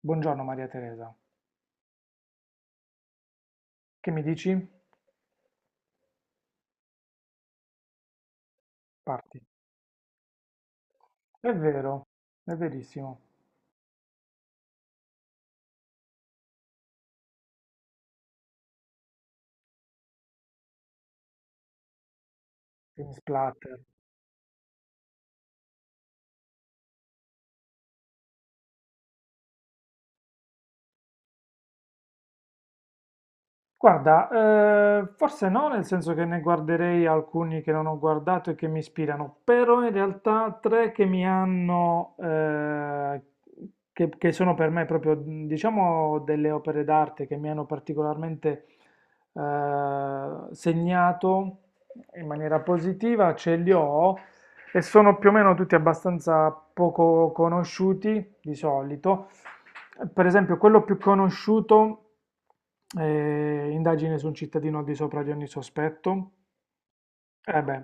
Buongiorno Maria Teresa, che mi dici? Parti. È vero, è verissimo. Film splatter. Guarda, forse no, nel senso che ne guarderei alcuni che non ho guardato e che mi ispirano, però in realtà tre che mi hanno, che sono per me proprio, diciamo, delle opere d'arte che mi hanno particolarmente segnato in maniera positiva, ce li ho. E sono più o meno tutti abbastanza poco conosciuti di solito. Per esempio, quello più conosciuto indagine su un cittadino al di sopra di ogni sospetto. Eh beh,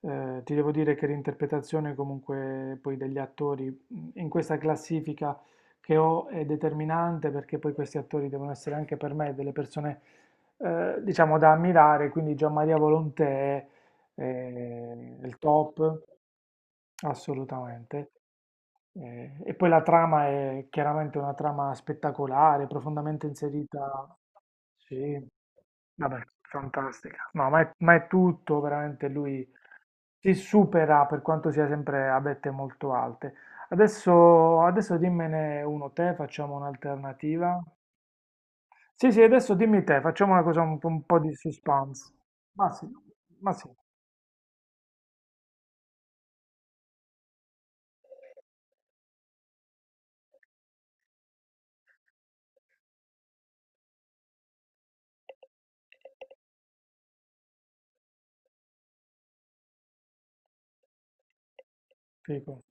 ti devo dire che l'interpretazione comunque poi degli attori in questa classifica che ho è determinante perché poi questi attori devono essere anche per me delle persone diciamo da ammirare, quindi Gianmaria Volontè è il top. Assolutamente. E poi la trama è chiaramente una trama spettacolare, profondamente inserita. Sì, vabbè, fantastica. No, ma è tutto, veramente lui si supera per quanto sia sempre a vette molto alte. Adesso dimmene uno te, facciamo un'alternativa. Sì, sì, adesso dimmi te, facciamo una cosa un po' di suspense. Ma sì, ma sì, figo,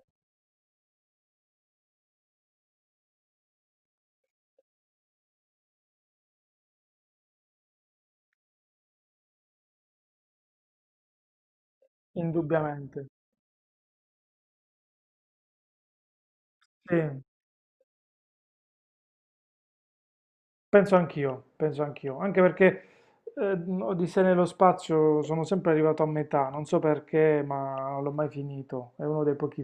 indubbiamente. Sì. Penso anch'io, anche perché eh, Odissea nello spazio sono sempre arrivato a metà, non so perché, ma non l'ho mai finito, è uno dei pochi.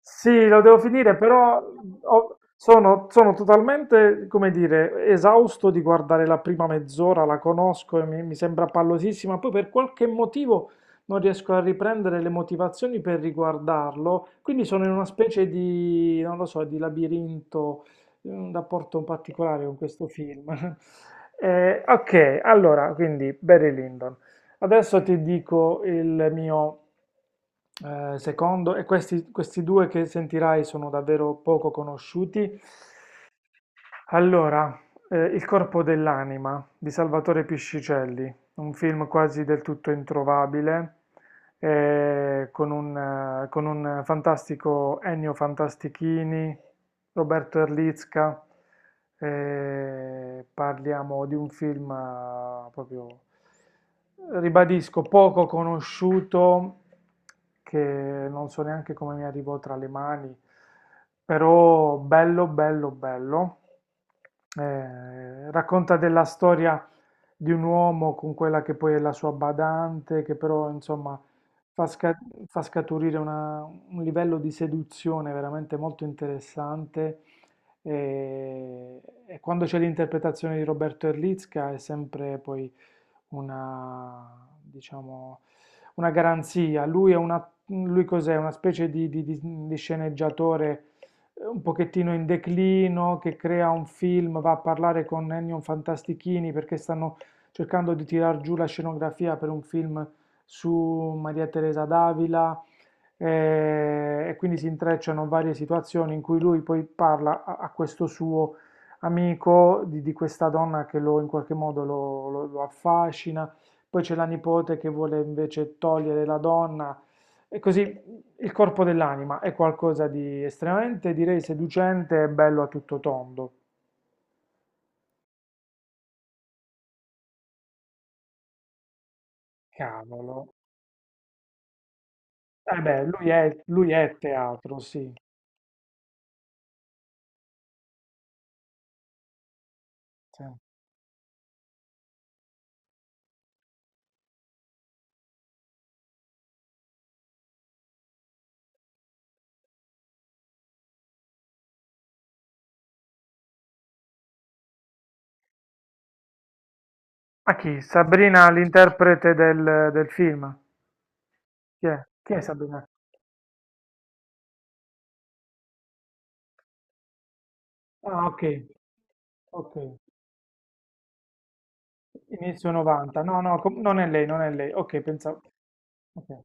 Sì, lo devo finire, però sono totalmente, come dire, esausto di guardare la prima mezz'ora, la conosco e mi sembra pallosissima, poi per qualche motivo non riesco a riprendere le motivazioni per riguardarlo, quindi sono in una specie di, non lo so, di labirinto, in un rapporto un particolare con questo film. Ok, allora, quindi Barry Lyndon. Adesso ti dico il mio. Secondo, e questi, questi due che sentirai sono davvero poco conosciuti. Allora, Il corpo dell'anima di Salvatore Piscicelli, un film quasi del tutto introvabile, con un fantastico Ennio Fantastichini. Roberto Erlicka, parliamo di un film proprio, ribadisco, poco conosciuto, che non so neanche come mi arrivò tra le mani, però bello, bello, bello. Racconta della storia di un uomo con quella che poi è la sua badante, che però insomma fa, fa scaturire una, un livello di seduzione veramente molto interessante e, e quando c'è l'interpretazione di Roberto Erlitzka è sempre poi una, diciamo, una garanzia. Lui è una, lui cos'è? Una specie di, di sceneggiatore un pochettino in declino che crea un film, va a parlare con Ennio Fantastichini perché stanno cercando di tirar giù la scenografia per un film su Maria Teresa d'Avila e quindi si intrecciano varie situazioni in cui lui poi parla a, a questo suo amico di questa donna che lo, in qualche modo lo, lo affascina, poi c'è la nipote che vuole invece togliere la donna, e così il corpo dell'anima è qualcosa di estremamente, direi, seducente e bello a tutto tondo. Cavolo. Eh beh, lui è teatro, sì. Sì. A chi? Sabrina, l'interprete del, del film. Chi è? Chi è Sabrina? Ah, ok, ok. Inizio 90. No, no, non è lei, non è lei. Ok, pensavo. Ok.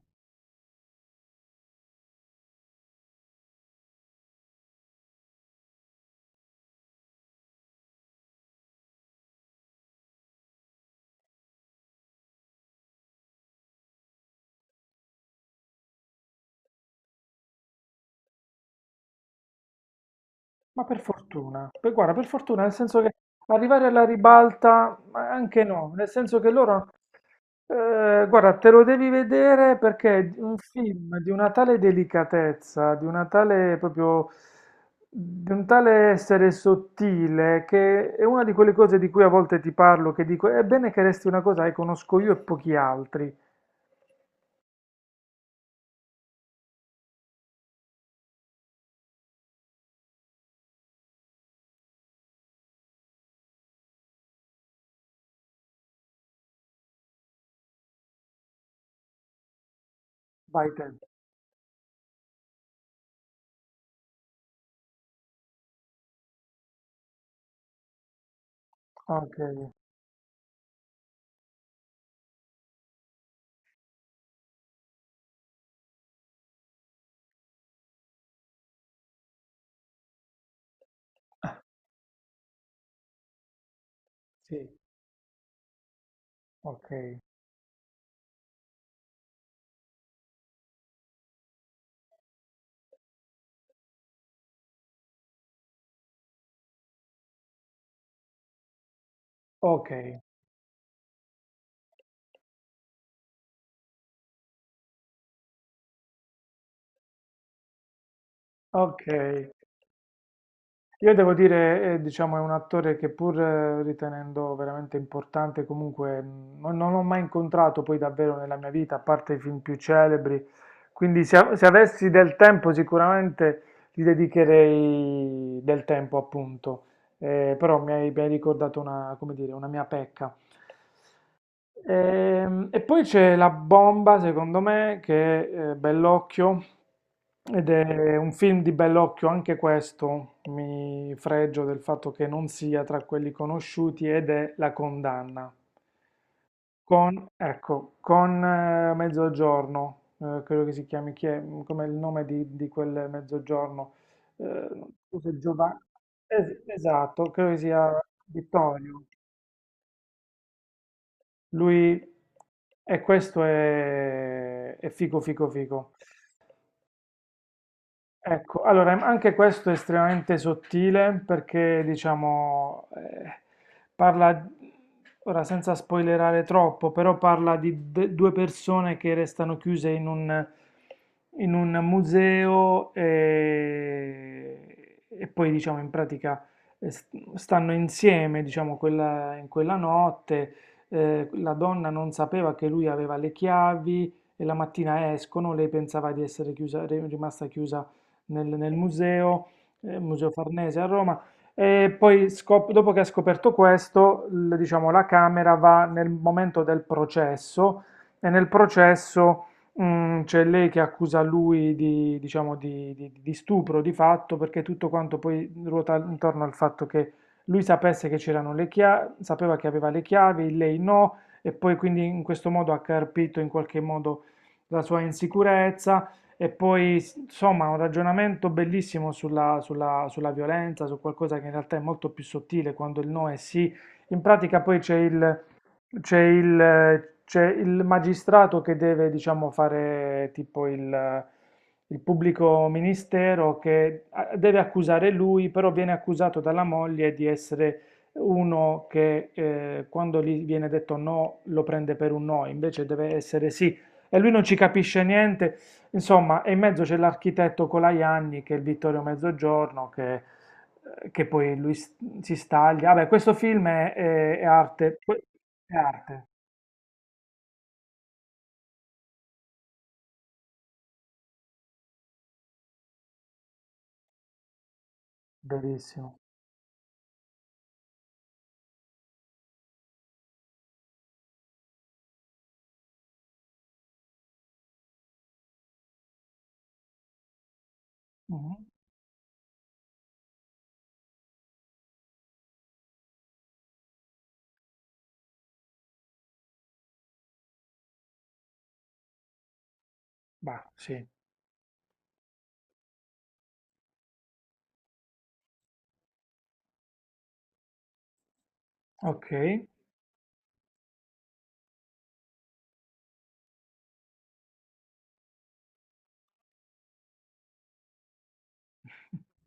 Ma per fortuna, poi, guarda, per fortuna, nel senso che arrivare alla ribalta, ma anche no, nel senso che loro, guarda, te lo devi vedere perché è un film di una tale delicatezza, di una tale proprio, di un tale essere sottile, che è una di quelle cose di cui a volte ti parlo, che dico, è bene che resti una cosa che conosco io e pochi altri. Vai te. Ok, sì, ok, ok, ok. Io devo dire, diciamo, è un attore che pur ritenendo veramente importante, comunque non, non l'ho mai incontrato poi davvero nella mia vita, a parte i film più celebri. Quindi se, se avessi del tempo sicuramente gli dedicherei del tempo, appunto. Però mi hai ricordato una, come dire, una mia pecca. E, poi c'è la bomba, secondo me, che è Bellocchio, ed è un film di Bellocchio, anche questo, mi fregio del fatto che non sia tra quelli conosciuti, ed è La condanna, con, ecco, con Mezzogiorno, credo che si chiami, chi è, come il nome di quel Mezzogiorno, non so se Giovanni, esatto, credo che sia Vittorio. Lui... E questo è figo figo figo. Ecco, allora anche questo è estremamente sottile perché diciamo parla, ora senza spoilerare troppo, però parla di due persone che restano chiuse in un museo e poi diciamo in pratica eh, s- stanno insieme diciamo in quella notte, la donna non sapeva che lui aveva le chiavi e la mattina escono, lei pensava di essere chiusa, rimasta chiusa nel, nel museo, Museo Farnese a Roma. E poi, dopo che ha scoperto questo, diciamo, la Camera va nel momento del processo e nel processo c'è lei che accusa lui di, diciamo, di, di stupro di fatto perché tutto quanto poi ruota intorno al fatto che lui sapesse che c'erano le chiavi, sapeva che aveva le chiavi, lei no, e poi quindi in questo modo ha carpito in qualche modo la sua insicurezza e poi, insomma, un ragionamento bellissimo sulla, sulla violenza, su qualcosa che in realtà è molto più sottile quando il no è sì. In pratica poi c'è il, c'è il, c'è il magistrato che deve, diciamo, fare tipo il pubblico ministero che deve accusare lui, però viene accusato dalla moglie di essere uno che quando gli viene detto no lo prende per un no, invece deve essere sì. E lui non ci capisce niente. Insomma, e in mezzo c'è l'architetto Colaianni, che è il Vittorio Mezzogiorno, che poi lui si staglia. Vabbè, questo film è, è arte, verissimo. Mhm. Bah, sì, ok.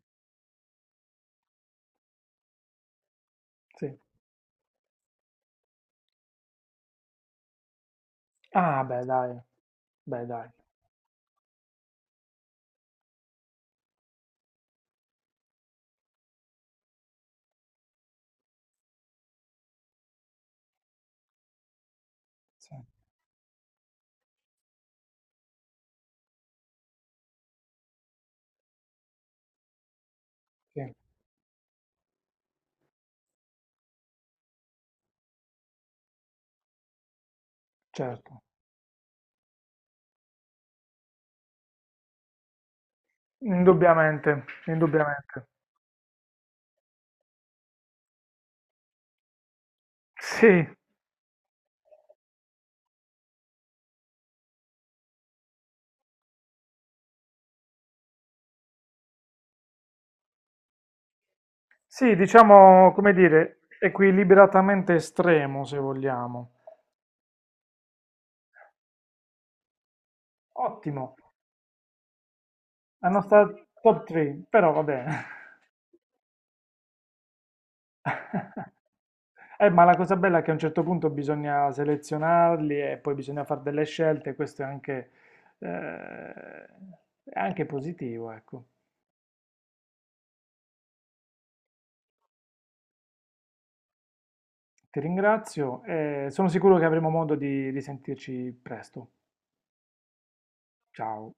Sì. Ah, beh, dai, sì, sì, certo. Indubbiamente, indubbiamente. Sì, sì, diciamo, come dire, equilibratamente estremo, se vogliamo. Ottimo. Hanno stato top 3, però va bene. Ma la cosa bella è che a un certo punto bisogna selezionarli e poi bisogna fare delle scelte, questo eh, è anche positivo, ecco. Ti ringrazio e sono sicuro che avremo modo di risentirci presto. Ciao.